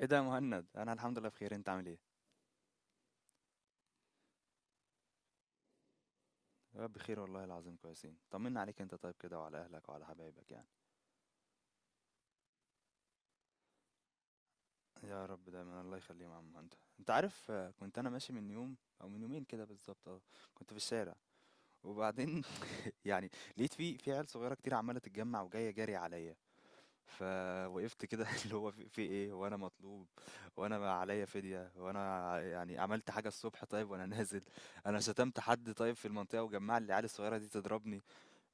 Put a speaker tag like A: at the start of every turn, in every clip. A: ايه ده يا مهند انا الحمد لله بخير. انت عامل ايه؟ يا رب بخير والله العظيم كويسين، طمنا عليك انت طيب كده وعلى اهلك وعلى حبايبك يعني. يا رب دايما الله يخليهم يا عم مهند. انت عارف كنت انا ماشي من يوم او من يومين كده بالظبط، اه كنت في الشارع وبعدين يعني لقيت في عيال صغيره كتير عماله تتجمع وجايه جري عليا، فوقفت كده اللي هو في ايه وانا مطلوب، وانا عليا فدية وانا يعني عملت حاجة الصبح طيب وانا نازل، انا شتمت حد طيب في المنطقة وجمع لي العيال الصغيرة دي تضربني.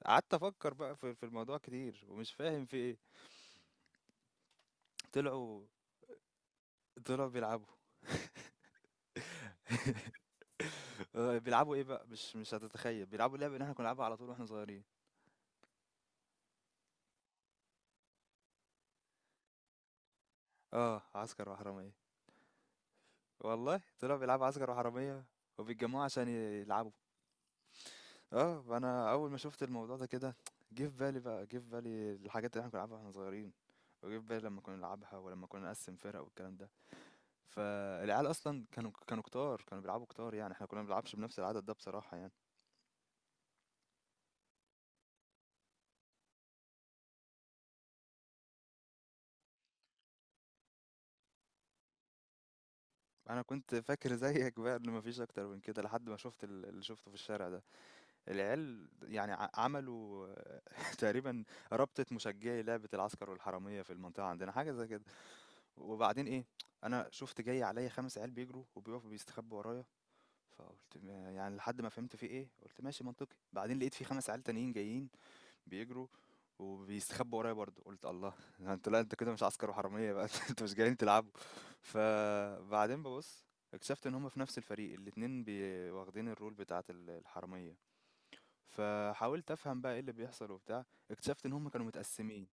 A: قعدت افكر بقى في الموضوع كتير ومش فاهم في ايه. طلعوا طلعوا بيلعبوا. بيلعبوا ايه بقى، مش هتتخيل، بيلعبوا اللعبه اللي احنا كنا بنلعبها على طول واحنا صغيرين. اه عسكر وحراميه، والله طلعوا بيلعبوا عسكر وحراميه وبيتجمعوا عشان يلعبوا. اه فانا اول ما شفت الموضوع ده كده جه في بالي الحاجات اللي احنا كنا بنلعبها واحنا صغيرين، وجه في بالي لما كنا نلعبها ولما كنا نقسم فرق والكلام ده. فالعيال اصلا كانوا كتار، كانوا بيلعبوا كتار، يعني احنا كنا ما بنلعبش بنفس العدد ده بصراحه يعني. انا كنت فاكر زيك بقى ان مفيش اكتر من كده لحد ما شفت اللي شفته في الشارع ده. العيال يعني عملوا تقريبا رابطة مشجعي لعبة العسكر والحرامية في المنطقة عندنا، حاجة زي كده. وبعدين ايه، انا شفت جاي عليا خمس عيال بيجروا وبيقفوا بيستخبوا ورايا، فقلت يعني لحد ما فهمت في ايه قلت ماشي منطقي، بعدين لقيت في خمس عيال تانيين جايين بيجروا وبيستخبوا ورايا برضه، قلت الله انت لا انت كده مش عسكر وحراميه بقى، انتوا مش جايين تلعبوا. فبعدين ببص اكتشفت ان هما في نفس الفريق الاتنين واخدين الرول بتاعه الحراميه. فحاولت افهم بقى ايه اللي بيحصل وبتاع، اكتشفت ان هما كانوا متقسمين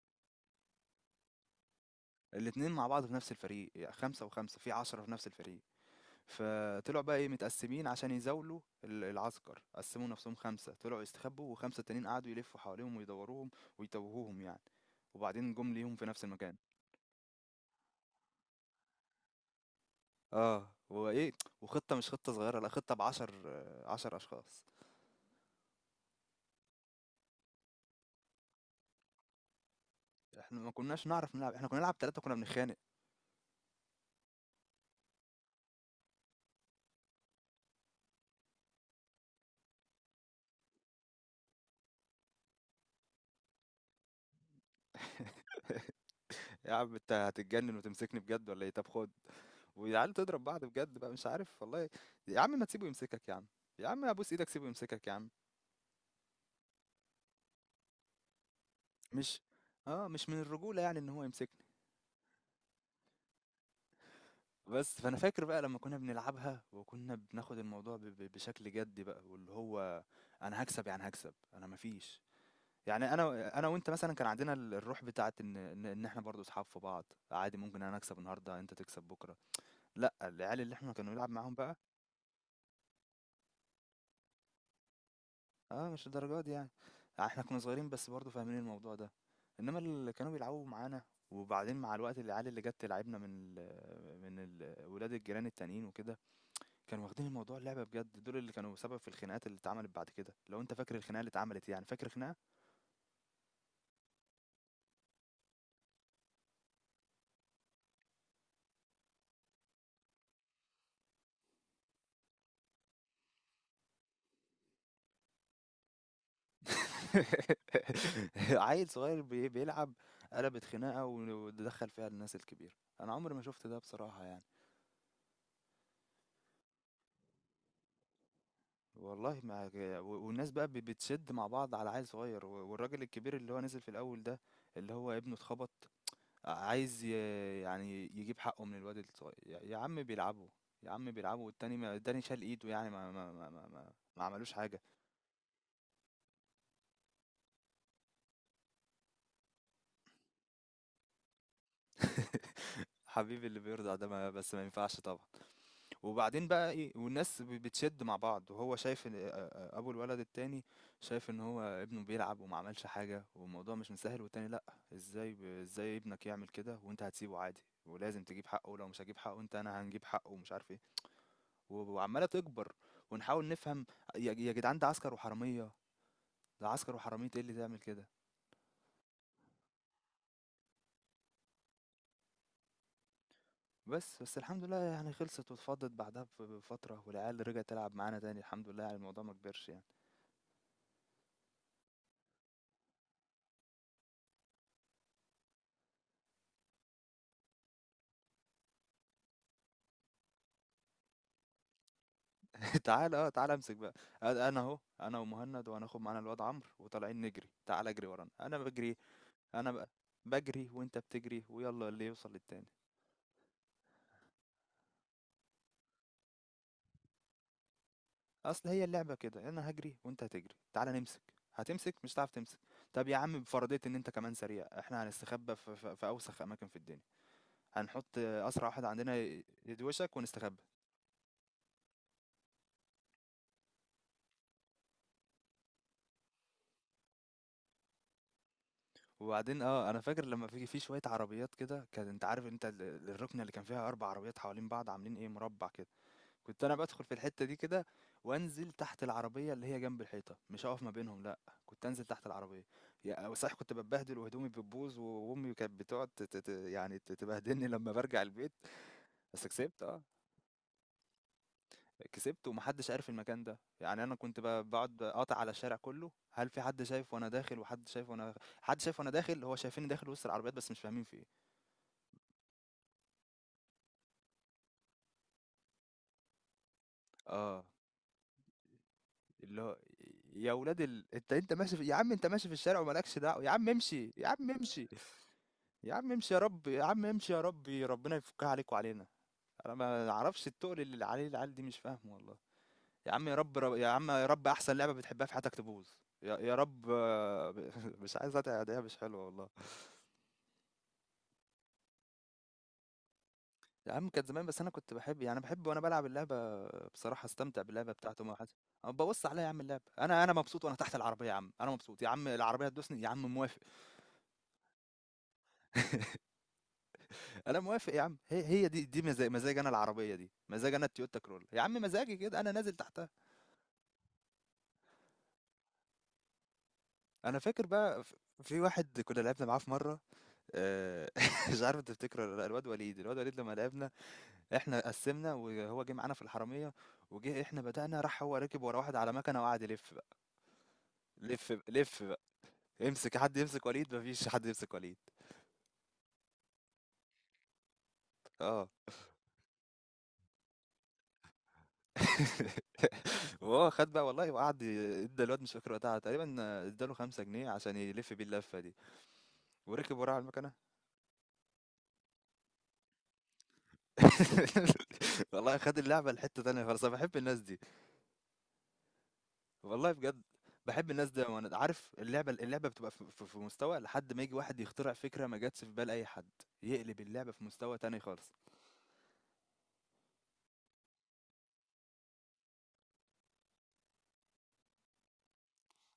A: الاتنين مع بعض في نفس الفريق، يعني خمسة وخمسة في عشرة في نفس الفريق. فطلعوا بقى ايه متقسمين عشان يزاولوا العسكر، قسموا نفسهم خمسة طلعوا يستخبوا وخمسة تانيين قعدوا يلفوا حواليهم ويدوروهم ويتوهوهم يعني، وبعدين جم ليهم في نفس المكان. اه وايه، وخطة مش خطة صغيرة، لا خطة بعشر، عشر اشخاص. احنا ما كناش نعرف نلعب، احنا كنا نلعب ثلاثة كنا بنتخانق. يا عم انت هتتجنن وتمسكني بجد ولا ايه؟ طب خد. والعيال تضرب بعض بجد بقى، مش عارف والله. يا عم ما تسيبه يمسكك يا عم، يا عم ابوس ايدك سيبه يمسكك يا عم. مش اه، مش من الرجولة يعني ان هو يمسكني. بس فانا فاكر بقى لما كنا بنلعبها وكنا بناخد الموضوع بشكل جدي بقى، واللي هو انا هكسب، يعني هكسب انا مفيش، يعني انا، انا وانت مثلا كان عندنا الروح بتاعت ان إن احنا برضو اصحاب في بعض، عادي ممكن انا اكسب النهارده انت تكسب بكره. لا العيال اللي احنا كنا بنلعب معاهم بقى اه مش الدرجات دي يعني. احنا كنا صغيرين بس برضو فاهمين الموضوع ده، انما اللي كانوا بيلعبوا معانا وبعدين مع الوقت العيال اللي جت تلعبنا من ال ولاد الجيران التانيين وكده كانوا واخدين الموضوع لعبة بجد، دول اللي كانوا سبب في الخناقات اللي اتعملت بعد كده. لو انت فاكر الخناقة اللي اتعملت يعني، فاكر خناقة عيل صغير بيلعب قلبت خناقة ودخل فيها الناس الكبيرة، انا عمري ما شفت ده بصراحة يعني. والله ما والناس بقى بتشد مع بعض على عيل صغير، والراجل الكبير اللي هو نزل في الاول ده اللي هو ابنه اتخبط عايز يعني يجيب حقه من الواد الصغير. يا يا عم بيلعبوا، يا عم بيلعبوا، والتاني ما التاني شال ايده يعني ما عملوش حاجة. حبيبي اللي بيرضع ده، ما بس ما ينفعش طبعا. وبعدين بقى ايه والناس بتشد مع بعض وهو شايف ابو الولد التاني شايف ان هو ابنه بيلعب وما عملش حاجة والموضوع مش مسهل، والتاني لا ازاي ازاي ابنك يعمل كده وانت هتسيبه عادي، ولازم تجيب حقه ولو مش هجيب حقه انت انا هنجيب حقه ومش عارف ايه. وعمالة تكبر، ونحاول نفهم يا يا جدعان ده عسكر وحرامية، ده عسكر وحرامية ايه اللي تعمل كده. بس، بس الحمد لله يعني خلصت واتفضت بعدها بفترة، والعيال رجعت تلعب معانا تاني، الحمد لله يعني الموضوع ما كبرش يعني. تعالَ، تعالَ امسك بقى. أنا أهو، أنا ومُهند وهناخد معانا الواد عمرو وطالعين نجري، تعالَ اجري ورانا، أنا باجري، أنا ب باجري وأنت بتجري ويالّا اللي يوصل للتاني. أصل هي اللعبة كده، أنا هاجري وأنت هتجري، تعالَ نمسك، هتمسك مش هتعرف تمسك. طب يا عم بفرضية إن أنت كمان سريع، إحنا هنستخبى في أوسخ أماكن في الدنيا، هنحط أسرع واحد عندنا يدوشك ونستخبى. وبعدين اه انا فاكر لما في شويه عربيات كده، كان انت عارف انت الركنه اللي كان فيها اربع عربيات حوالين بعض عاملين ايه مربع كده، كنت انا بدخل في الحته دي كده وانزل تحت العربيه اللي هي جنب الحيطه، مش هقف ما بينهم لا، كنت انزل تحت العربيه. يا صحيح كنت بتبهدل وهدومي بتبوظ، وامي كانت بتقعد تبهدلني لما برجع البيت. بس كسبت اه، كسبت ومحدش عارف المكان ده. يعني انا كنت بقعد قاطع على الشارع كله، هل في حد شايف وانا داخل، وحد شايف وانا، حد شايف وانا داخل، هو شايفيني داخل وسط العربيات بس مش فاهمين في ايه. آه، اللي هو يا ولاد ال، أنت ماشي في، يا عم أنت ماشي في الشارع ومالكش دعوة، يا عم امشي، يا عم امشي، يا عم امشي يا رب، يا عم امشي يا ربي، ربنا يفكها عليك وعلينا. أنا ما أعرفش التقل اللي عليه العيال دي مش فاهمه والله. يا عم يا رب رب يا عم يا رب أحسن لعبة بتحبها في حياتك تبوظ، يا يا رب، مش عايز أتعب، ده مش حلوة والله. يا عم كانت زمان بس انا كنت بحب، يعني بحب وانا بلعب اللعبه بصراحه، استمتع باللعبه بتاعته مع حد. أنا ببص عليها يا عم اللعبه، انا انا مبسوط وانا تحت العربيه، يا عم انا مبسوط، يا عم العربيه تدوسني يا عم موافق. انا موافق يا عم، هي دي مزاج، انا العربيه دي مزاج، انا التويوتا كرول يا عم مزاجي كده، انا نازل تحتها. انا فاكر بقى في واحد كنا لعبنا معاه في مره، آه، مش عارف انت تفتكره ولا لأ، الواد وليد، الواد وليد لما لعبنا احنا قسمنا وهو جه معانا في الحراميه، وجه احنا بدأنا راح هو ركب ورا واحد على مكنه وقعد يلف. لف بقى، امسك حد يمسك وليد، مفيش حد يمسك وليد. اه وهو خد بقى والله وقعد ادى الواد، مش فاكر وقتها تقريبا، اداله خمسة جنيه عشان يلف بيه اللفة دي وركب وراه على المكنة. والله خد اللعبة لحتة تانية خالص، انا بحب الناس دي والله بجد، بحب الناس دي، وانا عارف اللعبة، اللعبة بتبقى في مستوى لحد ما يجي واحد يخترع فكرة ما جاتش في بال اي حد يقلب اللعبة في مستوى تاني خالص.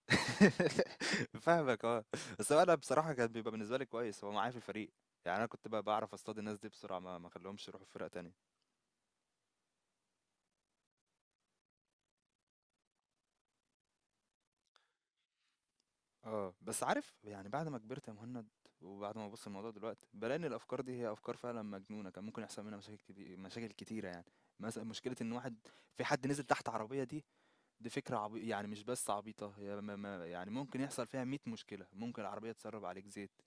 A: فاهمك اه. بس هو انا بصراحه كان بيبقى بالنسبه لي كويس هو معايا في الفريق، يعني انا كنت بقى بعرف اصطاد الناس دي بسرعه، ما اخليهمش يروحوا فرق تانية. اه بس عارف يعني بعد ما كبرت يا مهند، وبعد ما ببص الموضوع دلوقتي بلاقي ان الافكار دي هي افكار فعلا مجنونه، كان ممكن يحصل منها مشاكل كتير، مشاكل كتيره يعني. مثلا مشكله ان واحد، في حد نزل تحت عربيه دي، دي فكره عبي، يعني مش بس عبيطه، هي ما، ما، يعني ممكن يحصل فيها 100 مشكله. ممكن العربيه تسرب عليك زيت،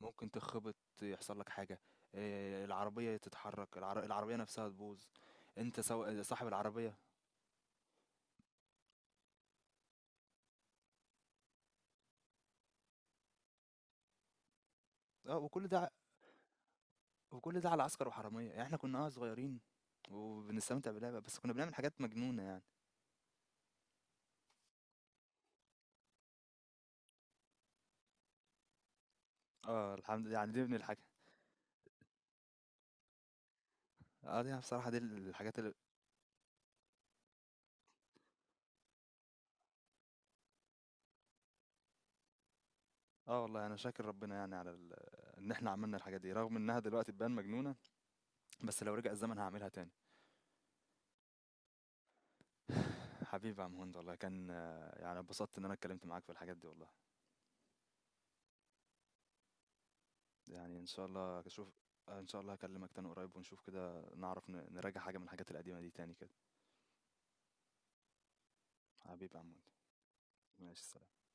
A: ممكن تخبط، يحصل لك حاجة، العربية تتحرك، العربية نفسها تبوظ، صاحب العربية. اه وكل ده، وكل ده على عسكر وحرامية يعني. احنا كنا اه صغيرين وبنستمتع باللعبة بس كنا بنعمل حاجات مجنونة يعني. اه الحمد لله يعني دي من الحاجة، اه دي بصراحة دي الحاجات اللي، اه والله انا شاكر ربنا يعني على ال، ان احنا عملنا الحاجات دي رغم انها دلوقتي تبان مجنونة، بس لو رجع الزمن هعملها تاني. حبيبي يا عم هند والله كان، يعني اتبسطت ان انا اتكلمت معاك في الحاجات دي والله. يعني ان شاء الله اشوف، ان شاء الله هكلمك تاني قريب ونشوف كده نعرف نراجع حاجة من الحاجات القديمة دي تاني كده. حبيبي يا عمود. ماشي سلام.